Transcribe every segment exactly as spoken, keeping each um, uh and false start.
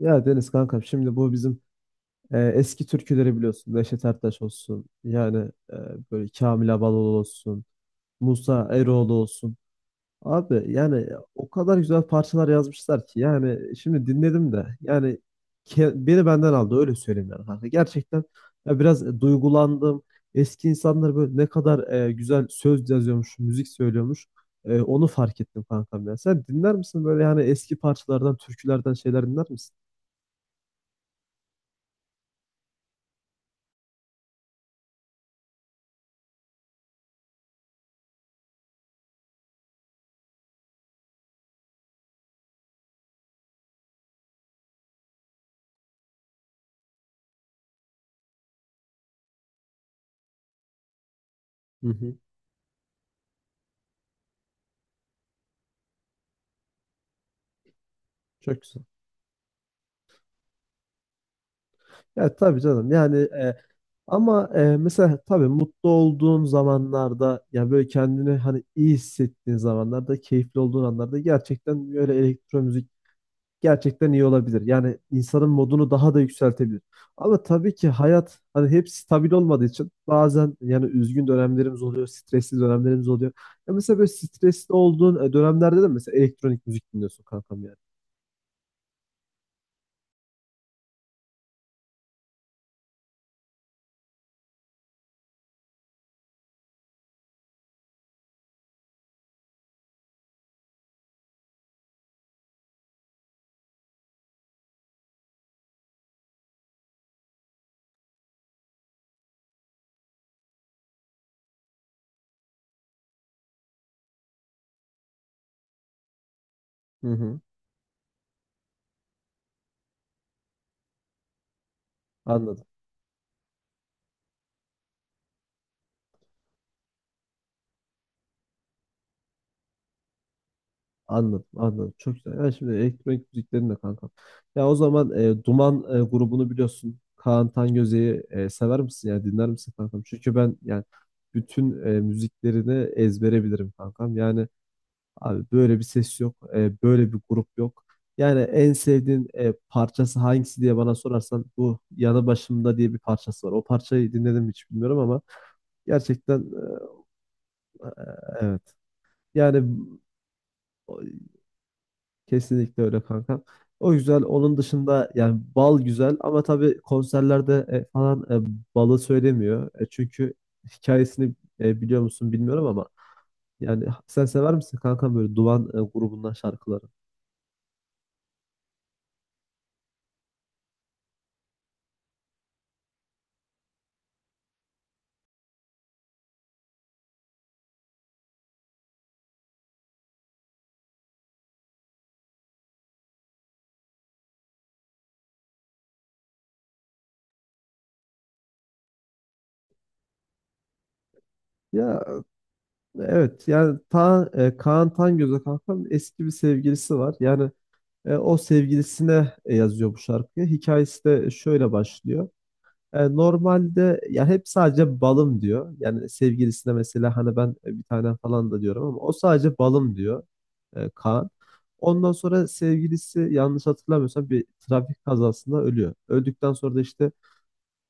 Ya Deniz kankam, şimdi bu bizim e, eski türküleri biliyorsun. Neşet Ertaş olsun. Yani e, böyle Kamil Abaloğlu olsun. Musa Eroğlu olsun. Abi yani o kadar güzel parçalar yazmışlar ki. Yani şimdi dinledim de yani ke- beni benden aldı, öyle söyleyeyim yani kanka. Gerçekten ya biraz duygulandım. Eski insanlar böyle ne kadar e, güzel söz yazıyormuş, müzik söylüyormuş. E, onu fark ettim kankam ya. Sen dinler misin böyle, yani eski parçalardan, türkülerden şeyler dinler misin? Hı hı. Çok güzel. Ya tabii canım, yani e, ama e, mesela tabii mutlu olduğun zamanlarda, yani böyle kendini hani iyi hissettiğin zamanlarda, keyifli olduğun anlarda gerçekten böyle elektro müzik gerçekten iyi olabilir. Yani insanın modunu daha da yükseltebilir. Ama tabii ki hayat hani hep stabil olmadığı için bazen yani üzgün dönemlerimiz oluyor, stresli dönemlerimiz oluyor. Ya mesela böyle stresli olduğun e, dönemlerde de mesela elektronik müzik dinliyorsun kankam yani. Hı hı. Anladım. Anladım, anladım. Çok güzel. Yani şimdi elektronik müziklerin de kankam. Ya o zaman e, Duman e, grubunu biliyorsun. Kaan Tangöze'yi e, sever misin? Yani dinler misin kankam? Çünkü ben yani bütün e, müziklerini ezbere bilirim kankam. Yani abi böyle bir ses yok. E, böyle bir grup yok. Yani en sevdiğin e, parçası hangisi diye bana sorarsan, bu Yanı Başımda diye bir parçası var. O parçayı dinledim mi hiç bilmiyorum ama gerçekten e, e, evet. Yani kesinlikle öyle kanka. O güzel. Onun dışında yani bal güzel, ama tabii konserlerde e, falan e, balı söylemiyor. E, çünkü hikayesini e, biliyor musun bilmiyorum, ama yani sen sever misin kanka böyle Duman e, grubundan şarkıları? Ya evet, yani ta, e, Kaan Tangöz'e kankam eski bir sevgilisi var. Yani e, o sevgilisine e, yazıyor bu şarkıyı. Hikayesi de şöyle başlıyor. E, normalde ya hep sadece balım diyor. Yani sevgilisine mesela hani ben e, bir tane falan da diyorum ama o sadece balım diyor, e, Kaan. Ondan sonra sevgilisi, yanlış hatırlamıyorsam, bir trafik kazasında ölüyor. Öldükten sonra da işte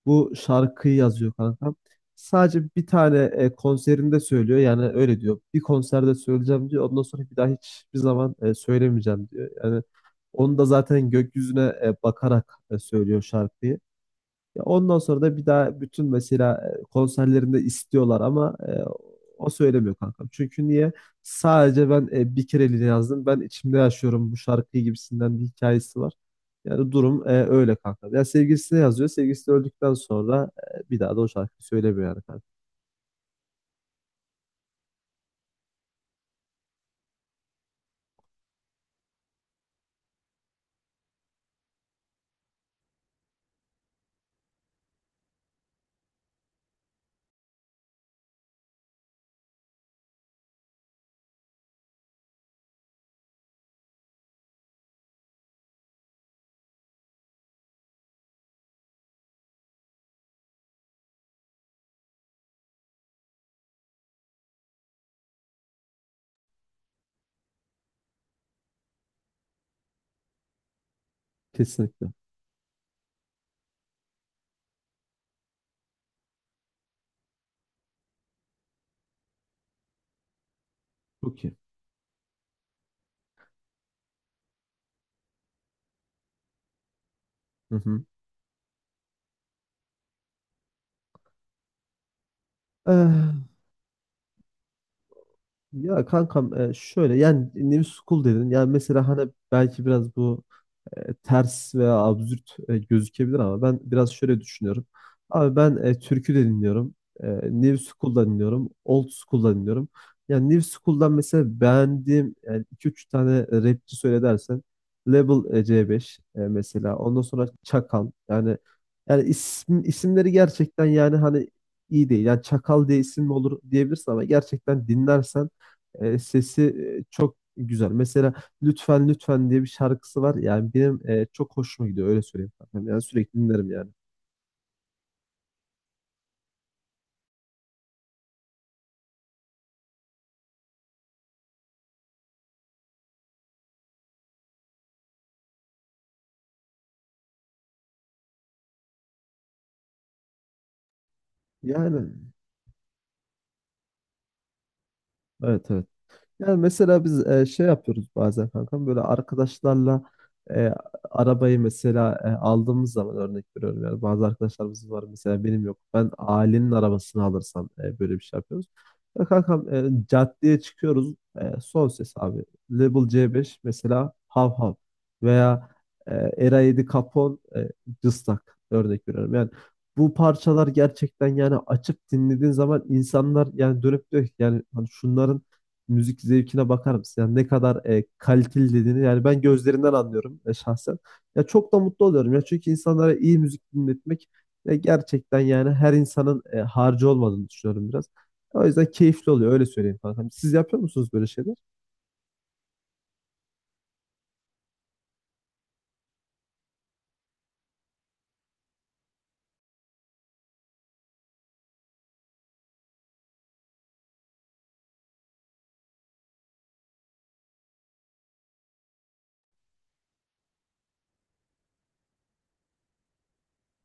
bu şarkıyı yazıyor kankam. Sadece bir tane e, konserinde söylüyor. Yani öyle diyor. Bir konserde söyleyeceğim diyor. Ondan sonra bir daha hiçbir zaman e, söylemeyeceğim diyor. Yani onu da zaten gökyüzüne e, bakarak e, söylüyor şarkıyı. Ya ondan sonra da bir daha bütün mesela e, konserlerinde istiyorlar, ama e, o söylemiyor kankam. Çünkü niye? Sadece ben e, bir kereliğine yazdım. Ben içimde yaşıyorum bu şarkıyı gibisinden bir hikayesi var. Yani durum e, öyle kanka. Ya sevgilisine yazıyor. Sevgilisi öldükten sonra e, bir daha da o şarkıyı söylemiyor yani kanka. Kesinlikle. Çok iyi. Hı hı. Eh, Ya kankam, e, şöyle, yani New School dedin. Yani mesela hani belki biraz bu e, ters veya absürt e, gözükebilir, ama ben biraz şöyle düşünüyorum. Abi ben e, türkü de dinliyorum. E, New School'da dinliyorum. Old School'da dinliyorum. Yani New School'dan mesela beğendiğim yani iki üç tane rapçi söyle dersen, Label e, C beş e, mesela. Ondan sonra Çakal. Yani yani isim, isimleri gerçekten yani hani iyi değil. Yani Çakal diye isim mi olur diyebilirsin, ama gerçekten dinlersen e, sesi e, çok güzel. Mesela Lütfen Lütfen diye bir şarkısı var. Yani benim e, çok hoşuma gidiyor, öyle söyleyeyim, kankam. Yani sürekli dinlerim yani. Yani evet, evet. Yani mesela biz e, şey yapıyoruz bazen kankam, böyle arkadaşlarla e, arabayı mesela e, aldığımız zaman, örnek veriyorum yani, bazı arkadaşlarımız var mesela, benim yok, ben ailenin arabasını alırsam e, böyle bir şey yapıyoruz. Ya kankam, e, caddeye çıkıyoruz, e, son ses abi Label C beş mesela hav hav, veya e, Era yedi Capone e, cıstak, örnek veriyorum yani, bu parçalar gerçekten yani açıp dinlediğin zaman, insanlar yani dönüp diyor ki yani hani şunların müzik zevkine bakar mısın? Yani ne kadar e, kaliteli dediğini yani ben gözlerinden anlıyorum, e, şahsen. Ya çok da mutlu oluyorum ya, çünkü insanlara iyi müzik dinletmek e, gerçekten yani her insanın e, harcı olmadığını düşünüyorum biraz. O yüzden keyifli oluyor, öyle söyleyeyim kankam. Siz yapıyor musunuz böyle şeyler?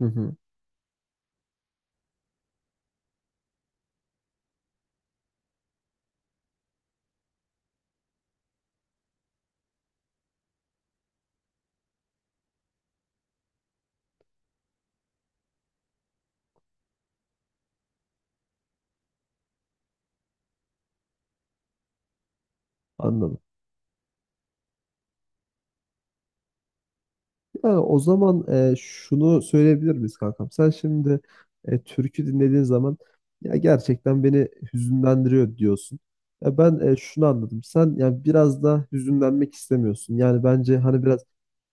Hı hı. Anladım. Yani o zaman e, şunu söyleyebilir miyiz kankam? Sen şimdi e, türkü dinlediğin zaman ya gerçekten beni hüzünlendiriyor diyorsun. Ya ben e, şunu anladım. Sen ya biraz da hüzünlenmek istemiyorsun. Yani bence hani biraz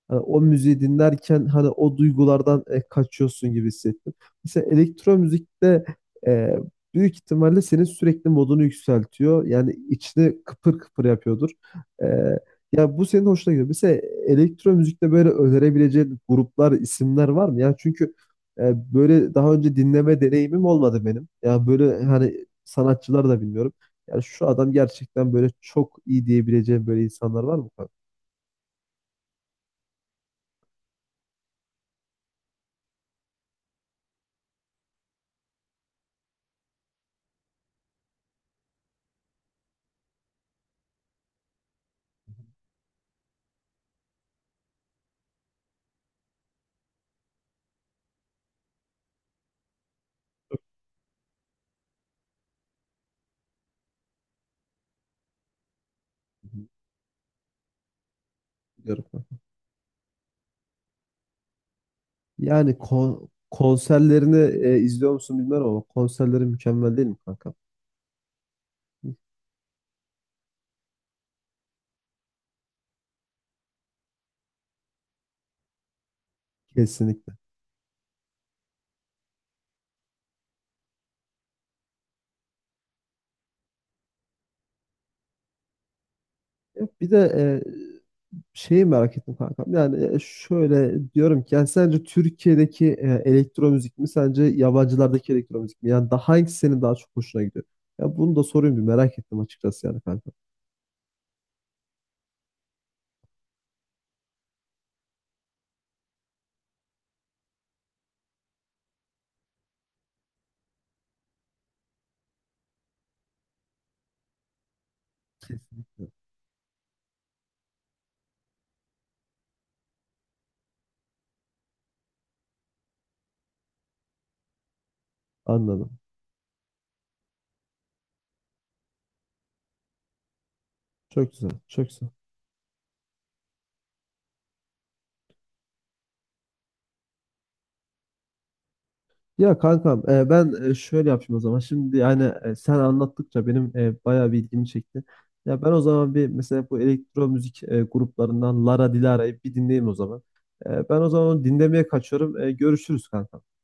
hani o müziği dinlerken hani o duygulardan e, kaçıyorsun gibi hissettim. Mesela elektro müzikte e, büyük ihtimalle senin sürekli modunu yükseltiyor. Yani içini kıpır kıpır yapıyordur. E, Ya bu senin hoşuna gidiyor. Mesela elektro müzikte böyle önerebileceğin gruplar, isimler var mı? Yani çünkü e, böyle daha önce dinleme deneyimim olmadı benim. Ya böyle hani sanatçılar da bilmiyorum. Yani şu adam gerçekten böyle çok iyi diyebileceğim böyle insanlar var mı? Bilmiyorum. Yani kon- konserlerini e, izliyor musun bilmiyorum, ama konserleri mükemmel değil mi kanka? Kesinlikle. Ya bir de e, şeyi merak ettim kankam. Yani e, şöyle diyorum ki yani, sence Türkiye'deki e, elektro müzik mi, sence yabancılardaki elektro müzik mi? Yani daha hangisi senin daha çok hoşuna gidiyor? Ya bunu da sorayım, bir merak ettim açıkçası yani kanka. Kesinlikle. Anladım. Çok güzel. Çok güzel. Ya kankam, e, ben e, şöyle yapayım o zaman. Şimdi yani e, sen anlattıkça benim e, bayağı bir ilgimi çekti. Ya ben o zaman bir mesela bu elektro müzik e, gruplarından Lara Dilara'yı bir dinleyeyim o zaman. E, ben o zaman onu dinlemeye kaçıyorum. E, görüşürüz kankam.